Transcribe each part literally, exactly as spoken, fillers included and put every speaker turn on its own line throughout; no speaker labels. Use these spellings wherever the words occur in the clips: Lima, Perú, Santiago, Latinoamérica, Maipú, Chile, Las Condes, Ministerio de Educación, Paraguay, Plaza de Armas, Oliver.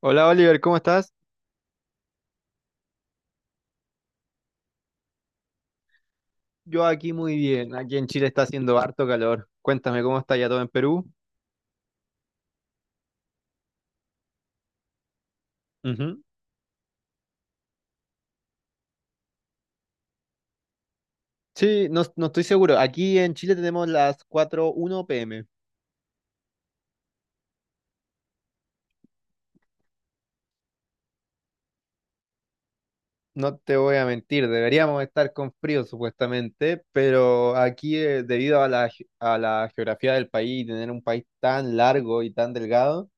Hola Oliver, ¿cómo estás? Yo aquí muy bien. Aquí en Chile está haciendo harto calor. Cuéntame cómo está ya todo en Perú. Ujú. Sí, no, no estoy seguro. Aquí en Chile tenemos las cuatro:uno pm. No te voy a mentir, deberíamos estar con frío supuestamente, pero aquí eh, debido a la, ge- a la geografía del país y tener un país tan largo y tan delgado,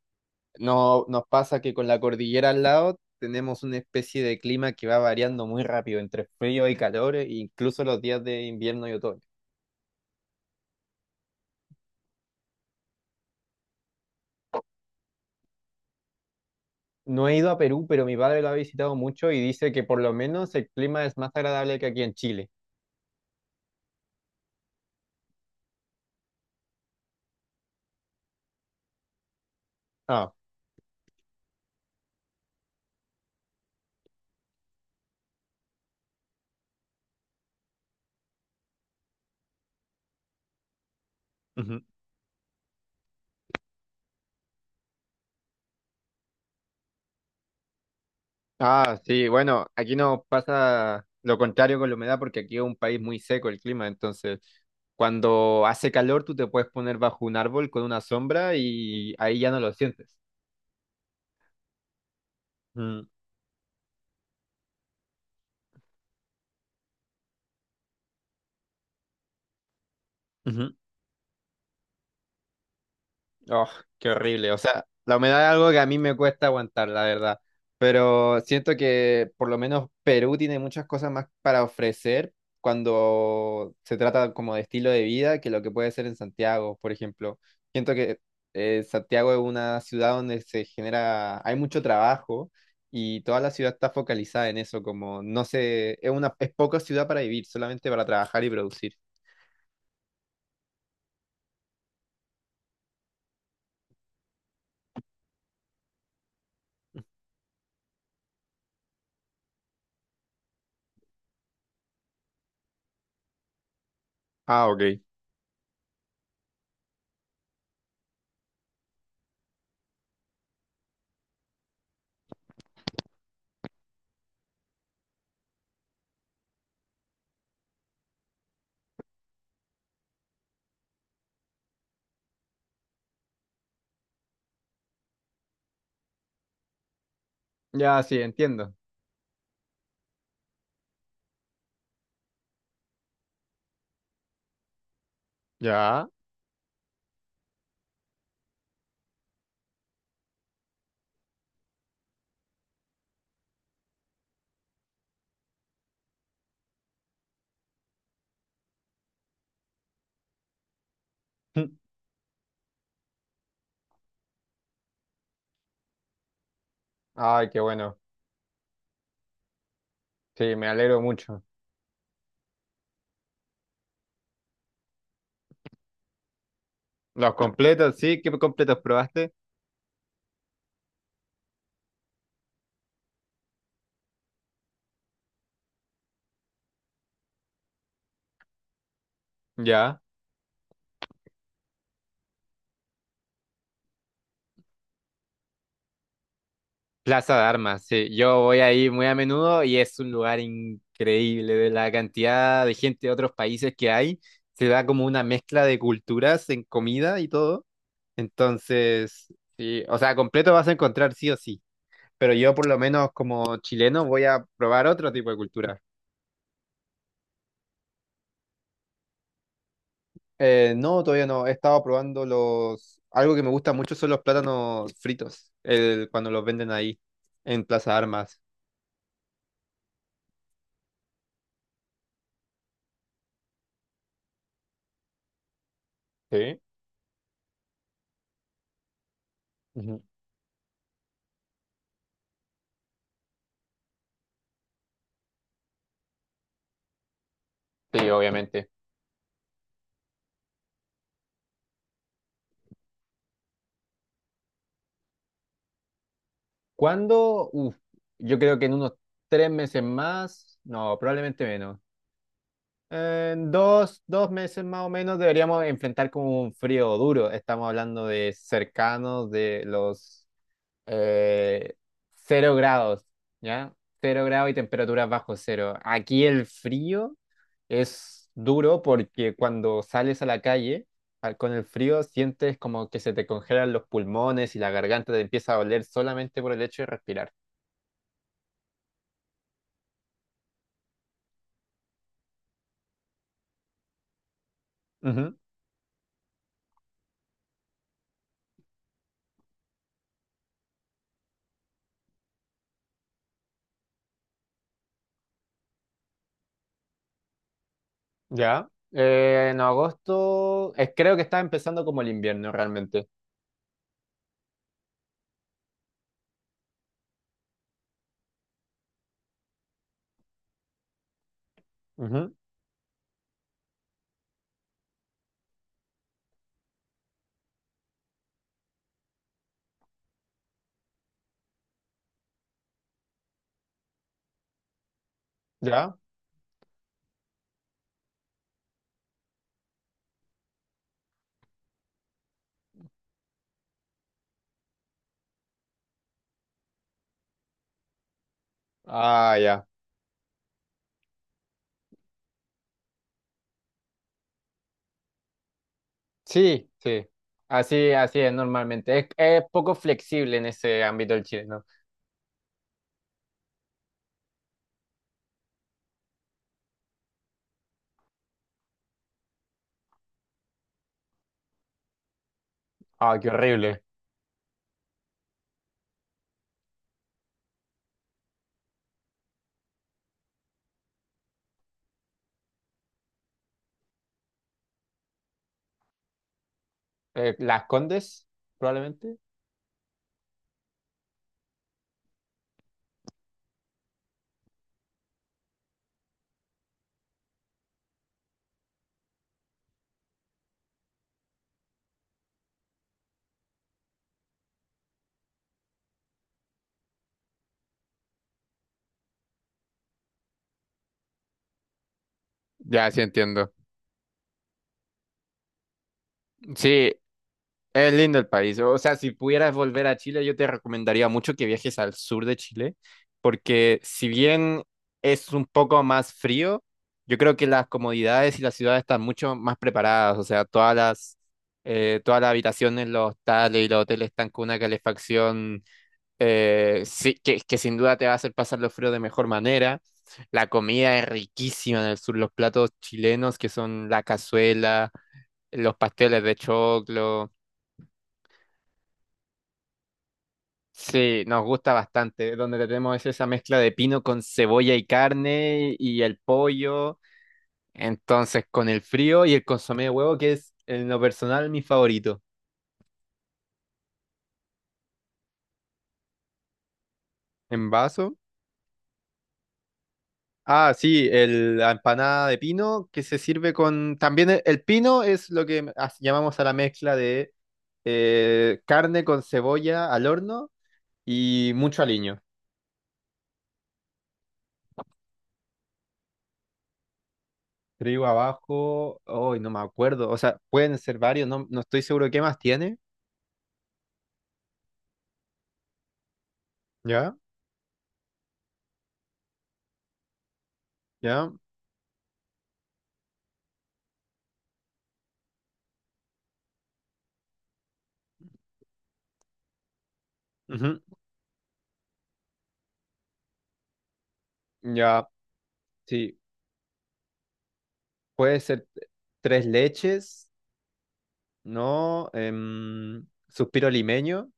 no, nos pasa que con la cordillera al lado tenemos una especie de clima que va variando muy rápido entre frío y calor, e incluso los días de invierno y otoño. No he ido a Perú, pero mi padre lo ha visitado mucho y dice que por lo menos el clima es más agradable que aquí en Chile. Ah, ujú. Ah, sí, bueno, aquí nos pasa lo contrario con la humedad porque aquí es un país muy seco el clima, entonces cuando hace calor tú te puedes poner bajo un árbol con una sombra y ahí ya no lo sientes. Mm, ujú. Oh, qué horrible. O sea, la humedad es algo que a mí me cuesta aguantar, la verdad. Pero siento que por lo menos Perú tiene muchas cosas más para ofrecer cuando se trata como de estilo de vida que lo que puede ser en Santiago, por ejemplo. Siento que eh, Santiago es una ciudad donde se genera, hay mucho trabajo y toda la ciudad está focalizada en eso, como no sé, es una, es poca ciudad para vivir, solamente para trabajar y producir. Ah, ok. Ya, sí, entiendo. Ya. Ay, qué bueno. Sí, me alegro mucho. Los completos, sí, ¿qué completos probaste? Ya. Plaza de Armas, sí. Yo voy ahí muy a menudo y es un lugar increíble de la cantidad de gente de otros países que hay. Se da como una mezcla de culturas en comida y todo. Entonces, sí, o sea, completo vas a encontrar sí o sí. Pero yo por lo menos como chileno voy a probar otro tipo de cultura. Eh, no, todavía no. He estado probando los... Algo que me gusta mucho son los plátanos fritos, el- cuando los venden ahí en Plaza Armas. Sí, ujú. Sí, obviamente. ¿Cuándo? Uf, yo creo que en unos tres meses más, no, probablemente menos. En dos, dos meses más o menos deberíamos enfrentar como un frío duro. Estamos hablando de cercanos de los eh, cero grados, ¿ya? Cero grados y temperaturas bajo cero. Aquí el frío es duro porque cuando sales a la calle a- con el frío sientes como que se te congelan los pulmones y la garganta te empieza a doler solamente por el hecho de respirar. Ujú. Ya. Eh, en agosto, eh, creo que está empezando como el invierno realmente. Ujú. Ya. Ah, ya. Sí, sí. Así, así es normalmente. Es, es poco flexible en ese ámbito el chileno. Ah, qué horrible. Eh, Las Condes, probablemente. Ya, sí entiendo. Sí, es lindo el país. O sea, si pudieras volver a Chile, yo te recomendaría mucho que viajes al sur de Chile, porque si bien es un poco más frío, yo creo que las comodidades y las ciudades están mucho más preparadas. O sea, todas las, eh, todas las habitaciones, los hostales y los hoteles están con una calefacción eh, sí, que, que sin duda te va a hacer pasar los fríos de mejor manera. La comida es riquísima en el sur, los platos chilenos que son la cazuela, los pasteles de choclo. Sí, nos gusta bastante. Donde tenemos es esa mezcla de pino con cebolla y carne y el pollo. Entonces, con el frío y el consomé de huevo, que es en lo personal mi favorito. En vaso. Ah, sí, el- la empanada de pino que se sirve con... También el, el pino es lo que as- llamamos a la mezcla de eh, carne con cebolla al horno y mucho aliño. Trigo abajo, hoy no me acuerdo, o sea, pueden ser varios, no, no estoy seguro qué más tiene. ¿Ya? ¿Ya? Ujú. Ya, sí, puede ser tres leches, ¿no? Em, suspiro limeño,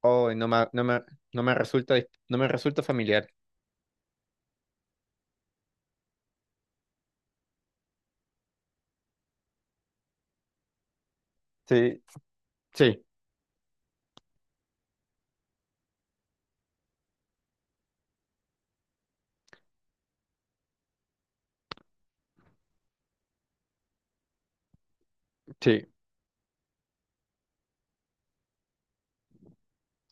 hoy no me, no me, no me resulta, dis- no me resulta familiar. Sí, sí, sí.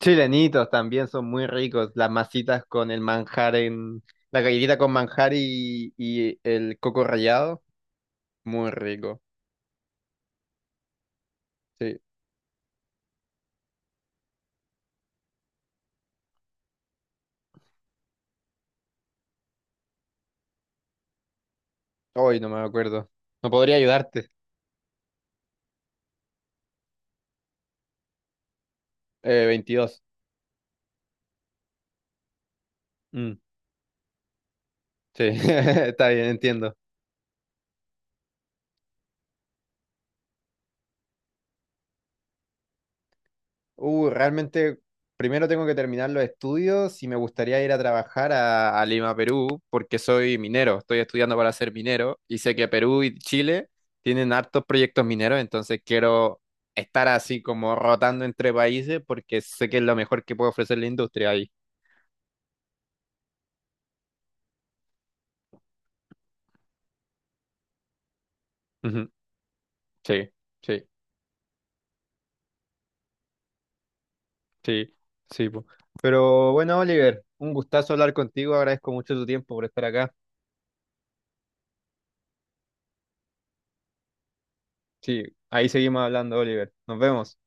Chilenitos también son muy ricos. Las masitas con el manjar en... La galletita con manjar y, y el coco rallado. Muy rico. Sí. Hoy no me acuerdo. No podría ayudarte. Eh, veintidós. Mm, sí. Está bien, entiendo. Uh, realmente primero tengo que terminar los estudios y me gustaría ir a trabajar a, a Lima, Perú, porque soy minero, estoy estudiando para ser minero y sé que Perú y Chile tienen hartos proyectos mineros, entonces quiero estar así como rotando entre países porque sé que es lo mejor que puede ofrecer la industria ahí. Ujú. Sí, sí, sí, sí. Po. Pero bueno, Oliver, un gustazo hablar contigo, agradezco mucho tu tiempo por estar acá. Sí, ahí seguimos hablando, Oliver. Nos vemos.